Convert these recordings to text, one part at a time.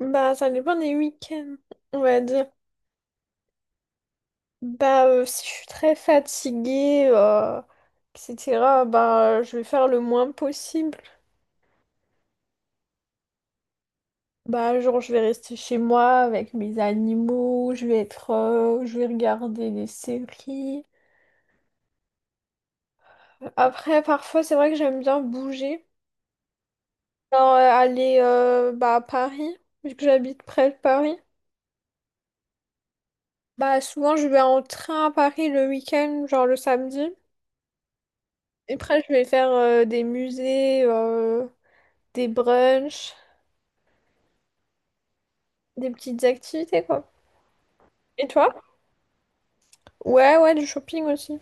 Bah, ça dépend des week-ends, on va dire. Si je suis très fatiguée, etc., je vais faire le moins possible. Genre, je vais rester chez moi avec mes animaux, je vais regarder des séries. Après, parfois, c'est vrai que j'aime bien bouger. Aller, à Paris, vu que j'habite près de Paris. Bah, souvent, je vais en train à Paris le week-end, genre le samedi. Et après, je vais faire des musées, des brunchs, des petites activités, quoi. Et toi? Ouais, ouais, du shopping aussi.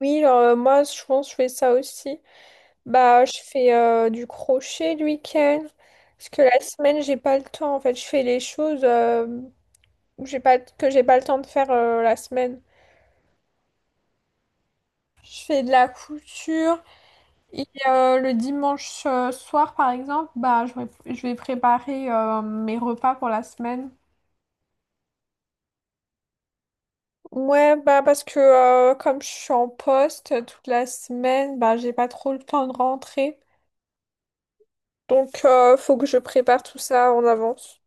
Oui, moi, je pense que je fais ça aussi. Bah, je fais du crochet le week-end. Parce que la semaine, j'ai pas le temps. En fait, je fais les choses où j'ai pas, que j'ai pas le temps de faire la semaine. Je fais de la couture. Et le dimanche soir, par exemple, bah, je vais préparer mes repas pour la semaine. Ouais, bah parce que comme je suis en poste toute la semaine, bah j'ai pas trop le temps de rentrer. Donc faut que je prépare tout ça en avance.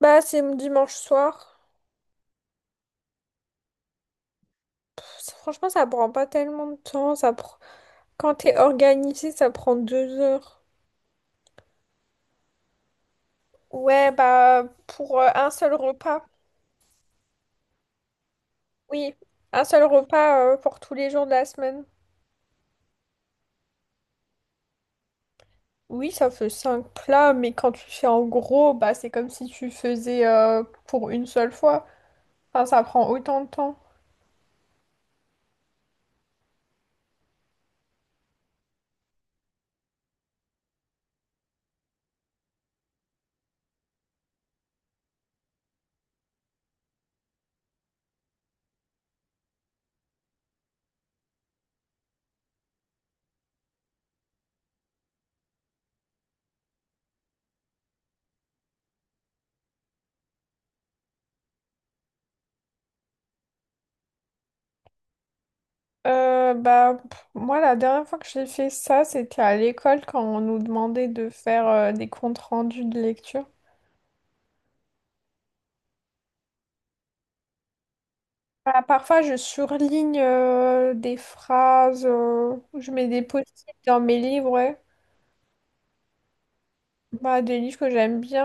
Bah c'est dimanche soir. Franchement, ça prend pas tellement de temps. Quand t'es organisé, ça prend 2 heures. Ouais, bah pour un seul repas. Oui, un seul repas pour tous les jours de la semaine. Oui, ça fait 5 plats, mais quand tu fais en gros, bah c'est comme si tu faisais pour une seule fois. Enfin, ça prend autant de temps. Moi, la dernière fois que j'ai fait ça, c'était à l'école quand on nous demandait de faire des comptes rendus de lecture. Bah, parfois, je surligne des phrases, je mets des post-it dans mes livres, ouais. Bah, des livres que j'aime bien,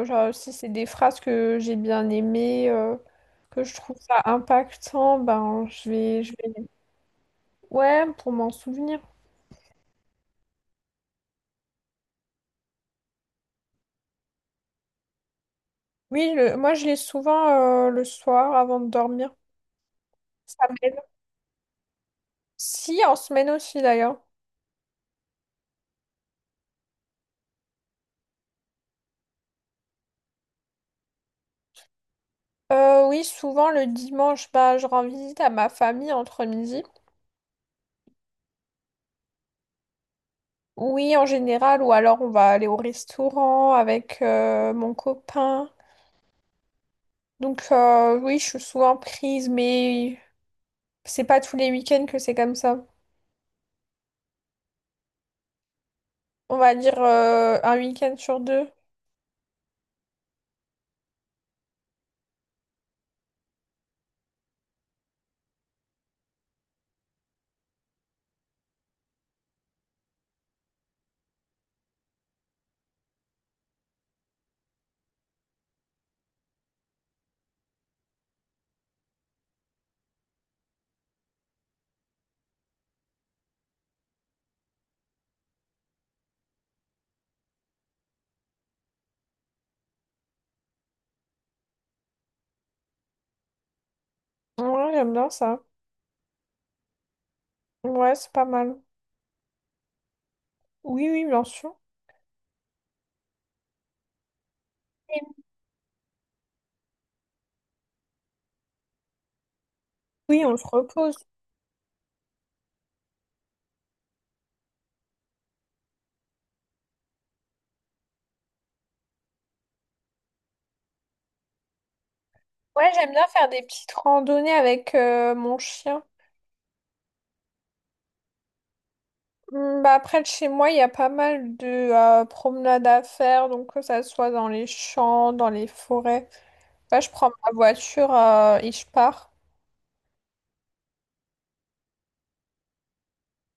genre si c'est des phrases que j'ai bien aimées, que je trouve ça impactant, ben, je vais... Ouais, pour m'en souvenir. Oui, moi, je lis souvent le soir avant de dormir. Ça m'aide. Si, en semaine aussi d'ailleurs. Oui, souvent le dimanche, bah, je rends visite à ma famille entre midi. Oui, en général, ou alors on va aller au restaurant avec mon copain. Donc oui, je suis souvent prise, mais c'est pas tous les week-ends que c'est comme ça. On va dire un week-end sur deux. Ouais, j'aime bien ça. Ouais, c'est pas mal. Oui, oui, bien sûr. Oui, on se repose. Ouais, j'aime bien faire des petites randonnées avec mon chien. Hmm. Bah après, de chez moi, il y a pas mal de promenades à faire, donc que ça soit dans les champs, dans les forêts. Bah, je prends ma voiture et je pars.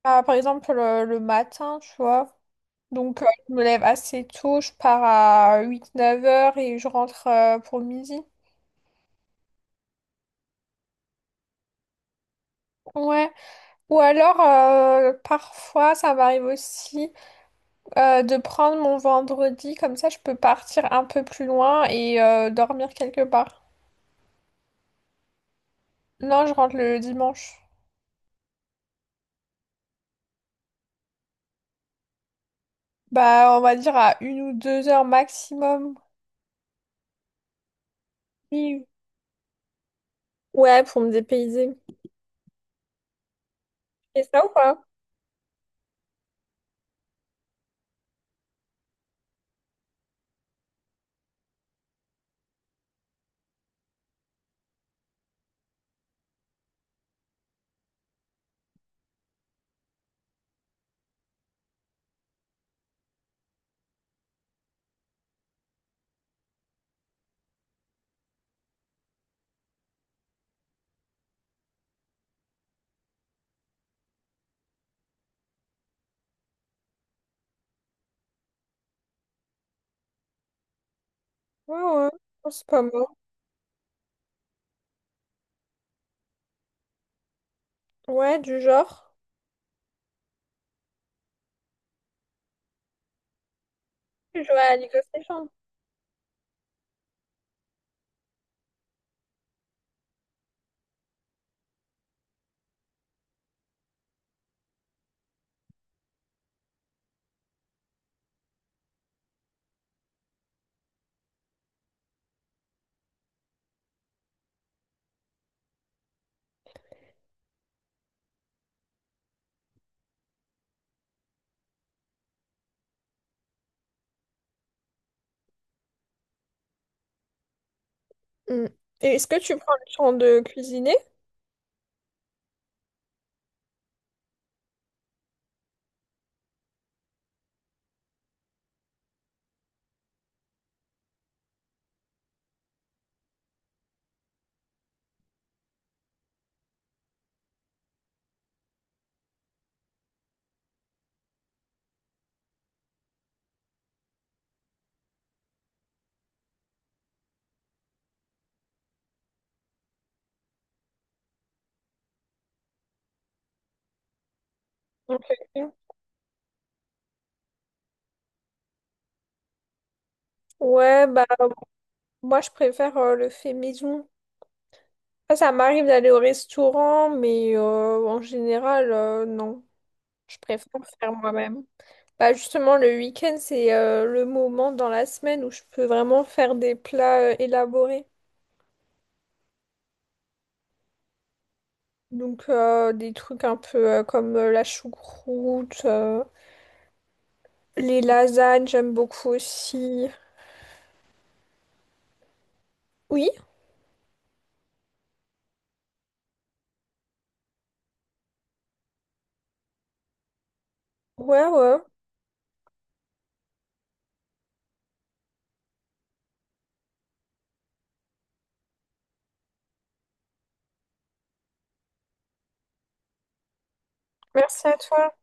Ah, par exemple, le matin, tu vois. Donc, je me lève assez tôt, je pars à 8 9 heures et je rentre pour midi. Ouais. Ou alors, parfois, ça m'arrive aussi de prendre mon vendredi, comme ça, je peux partir un peu plus loin et dormir quelque part. Non, je rentre le dimanche. Bah, on va dire à 1 ou 2 heures maximum. Oui. Ouais, pour me dépayser. Et ça ou pas? Ouais, ouais. Oh, c'est pas mal. Ouais, du genre. Tu joues à League of Legends. Mm. Et est-ce que tu prends le temps de cuisiner? Ok. Ouais, bah moi je préfère le fait maison. Ça m'arrive d'aller au restaurant, mais en général, non. Je préfère faire moi-même. Bah justement, le week-end, c'est le moment dans la semaine où je peux vraiment faire des plats élaborés. Donc des trucs un peu comme la choucroute, les lasagnes, j'aime beaucoup aussi. Oui, ouais, ouais. Merci à toi.